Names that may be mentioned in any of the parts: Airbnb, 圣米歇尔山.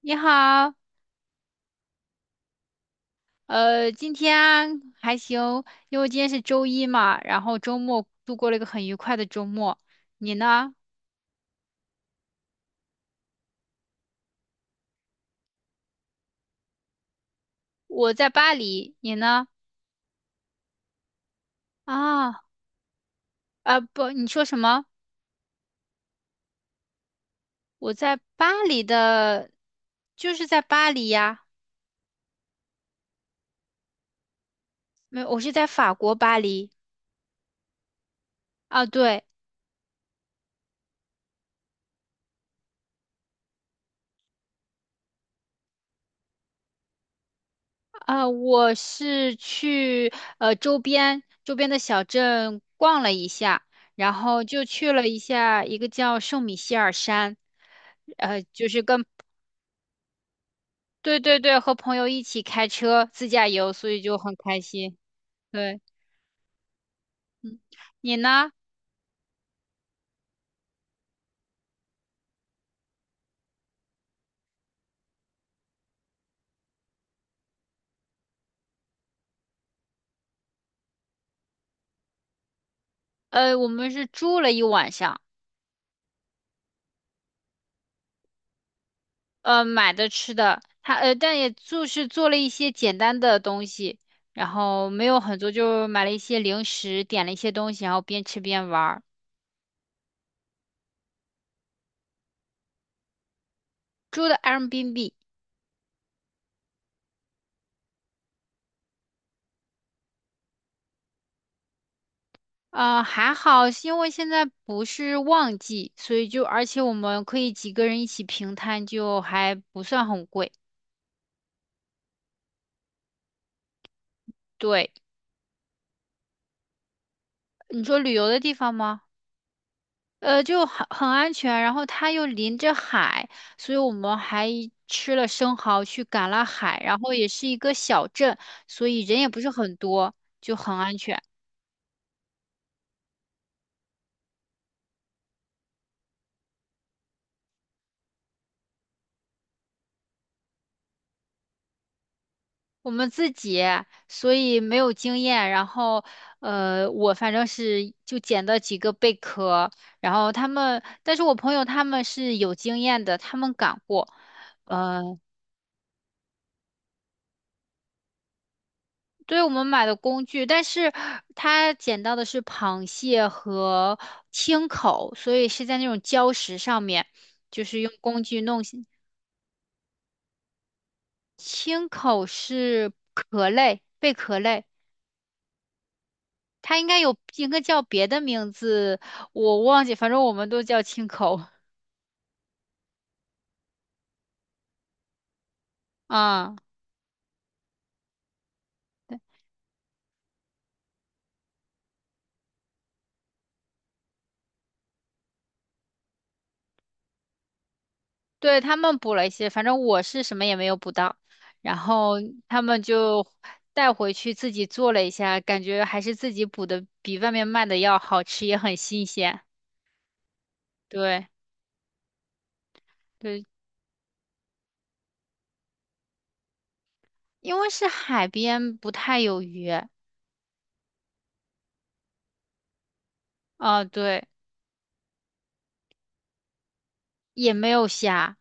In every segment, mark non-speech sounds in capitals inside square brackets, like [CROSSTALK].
你好，今天还行。因为今天是周一嘛，然后周末度过了一个很愉快的周末。你呢？我在巴黎，你呢？啊，啊不，你说什么？我在巴黎的，就是在巴黎呀。没有，我是在法国巴黎。啊，对。啊，我是去周边的小镇逛了一下，然后就去了一下一个叫圣米歇尔山。呃。对对对，和朋友一起开车自驾游，所以就很开心。对，你呢？我们是住了一晚上。买的吃的。他但也就是做了一些简单的东西，然后没有很多，就买了一些零食，点了一些东西，然后边吃边玩儿。住的 Airbnb。还好，是因为现在不是旺季，所以就而且我们可以几个人一起平摊，就还不算很贵。对，你说旅游的地方吗？就很安全，然后它又临着海，所以我们还吃了生蚝去赶了海，然后也是一个小镇，所以人也不是很多，就很安全。我们自己，所以没有经验，然后我反正是就捡到几个贝壳。然后他们，但是我朋友他们是有经验的，他们赶过。呃对，我们买的工具，但是它捡到的是螃蟹和青口，所以是在那种礁石上面，就是用工具弄起。青口是壳类，贝壳类。它应该有应该叫别的名字，我忘记，反正我们都叫青口 [LAUGHS] 啊。对，他们补了一些，反正我是什么也没有补到。然后他们就带回去自己做了一下，感觉还是自己补的比外面卖的要好吃，也很新鲜。对对，因为是海边，不太有鱼。啊，对，也没有虾。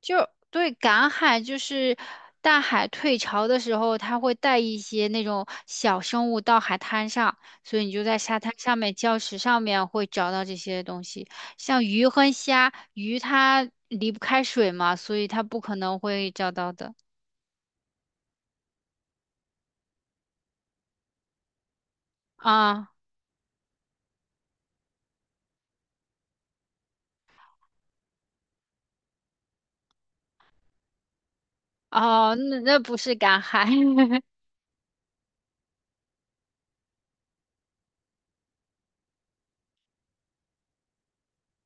就对，赶海就是大海退潮的时候，它会带一些那种小生物到海滩上，所以你就在沙滩上面、礁石上面会找到这些东西。像鱼和虾，鱼它离不开水嘛，所以它不可能会找到的啊。哦，那不是赶海。[LAUGHS]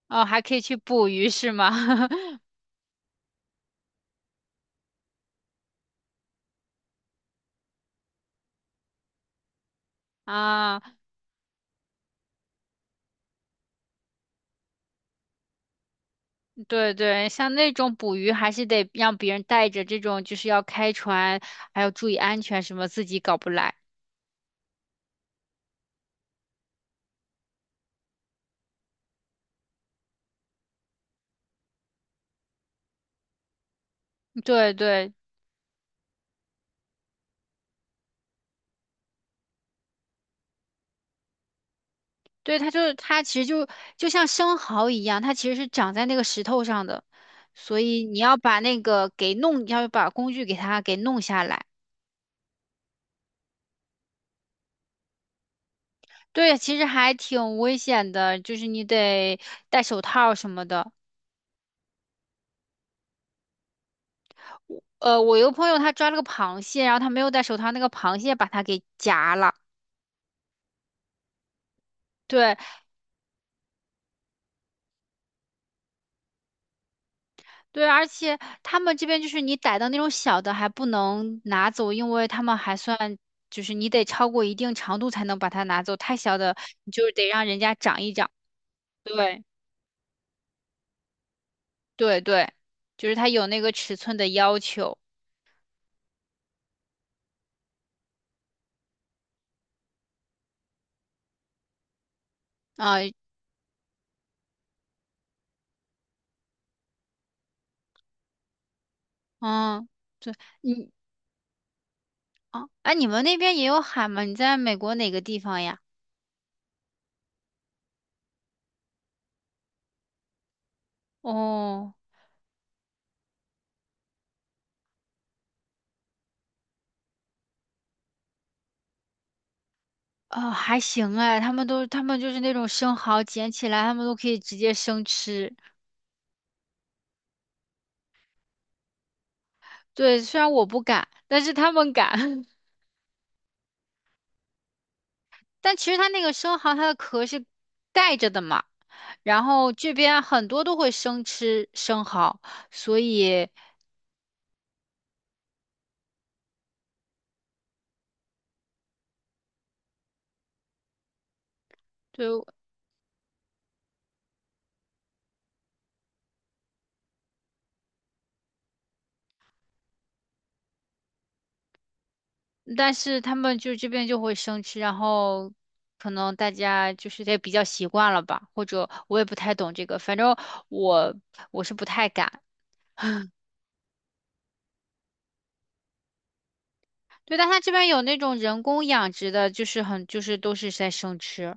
哦，还可以去捕鱼是吗？[LAUGHS] 啊。对对，像那种捕鱼还是得让别人带着，这种就是要开船，还要注意安全什么，自己搞不来。对对对，它就是它其实就像生蚝一样，它其实是长在那个石头上的。所以你要把那个给弄，要把工具给它给弄下来。对，其实还挺危险的，就是你得戴手套什么的。我有个朋友他抓了个螃蟹，然后他没有戴手套，那个螃蟹把它给夹了。对，对，而且他们这边就是你逮到那种小的还不能拿走，因为他们还算就是你得超过一定长度才能把它拿走，太小的你就是得让人家长一长。对对对，就是它有那个尺寸的要求啊。嗯，对你啊，哎，你们那边也有海吗？你在美国哪个地方呀？哦，哦，还行哎，他们都他们就是那种生蚝捡起来，他们都可以直接生吃。对，虽然我不敢，但是他们敢。[LAUGHS] 但其实它那个生蚝，它的壳是盖着的嘛。然后这边很多都会生吃生蚝，所以就，但是他们就这边就会生吃，然后可能大家就是也比较习惯了吧，或者我也不太懂这个。反正我我是不太敢。对，但它这边有那种人工养殖的，就是很就是都是在生吃。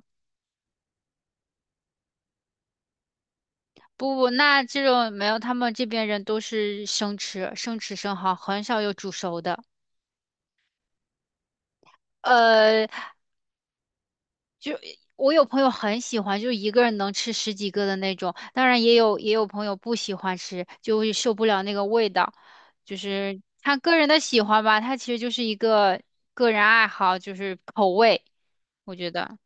不不，那这种没有，他们这边人都是生吃，生吃生蚝，很少有煮熟的。呃，我有朋友很喜欢，就是一个人能吃十几个的那种。当然，也有朋友不喜欢吃，就会受不了那个味道。就是他个人的喜欢吧，他其实就是一个个人爱好，就是口味。我觉得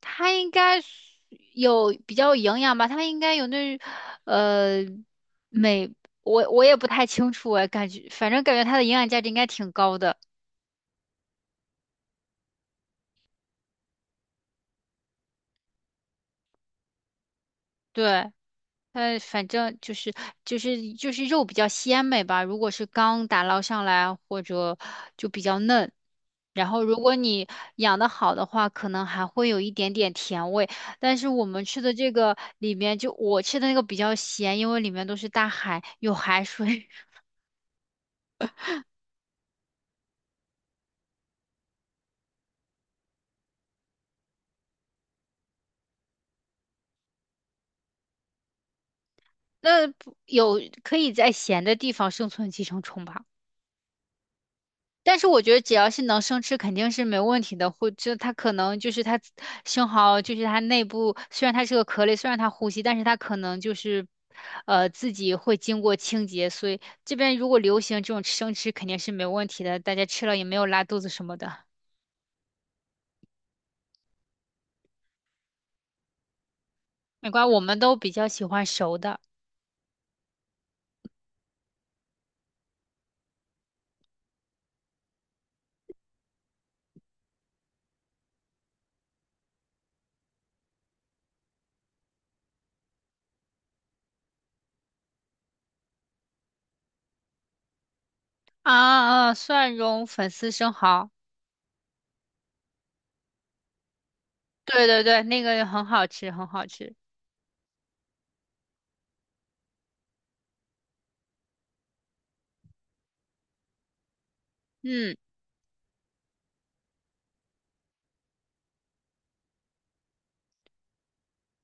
他应该是有比较有营养吧，他应该有那呃美。我也不太清楚哎，感觉反正感觉它的营养价值应该挺高的。对，它反正就是肉比较鲜美吧，如果是刚打捞上来或者就比较嫩。然后如果你养的好的话，可能还会有一点点甜味。但是我们吃的这个里面就我吃的那个比较咸，因为里面都是大海，有海水。[LAUGHS] 那不有可以在咸的地方生存寄生虫吧？但是我觉得只要是能生吃，肯定是没问题的。或者它可能就是它生蚝，就是它内部虽然它是个壳类，虽然它呼吸，但是它可能就是，自己会经过清洁。所以这边如果流行这种生吃，肯定是没问题的，大家吃了也没有拉肚子什么的。没关系，我们都比较喜欢熟的。啊啊，蒜蓉粉丝生蚝。对对对，那个很好吃，很好吃。嗯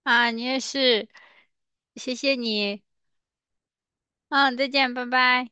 啊，你也是，谢谢你。嗯，再见，拜拜。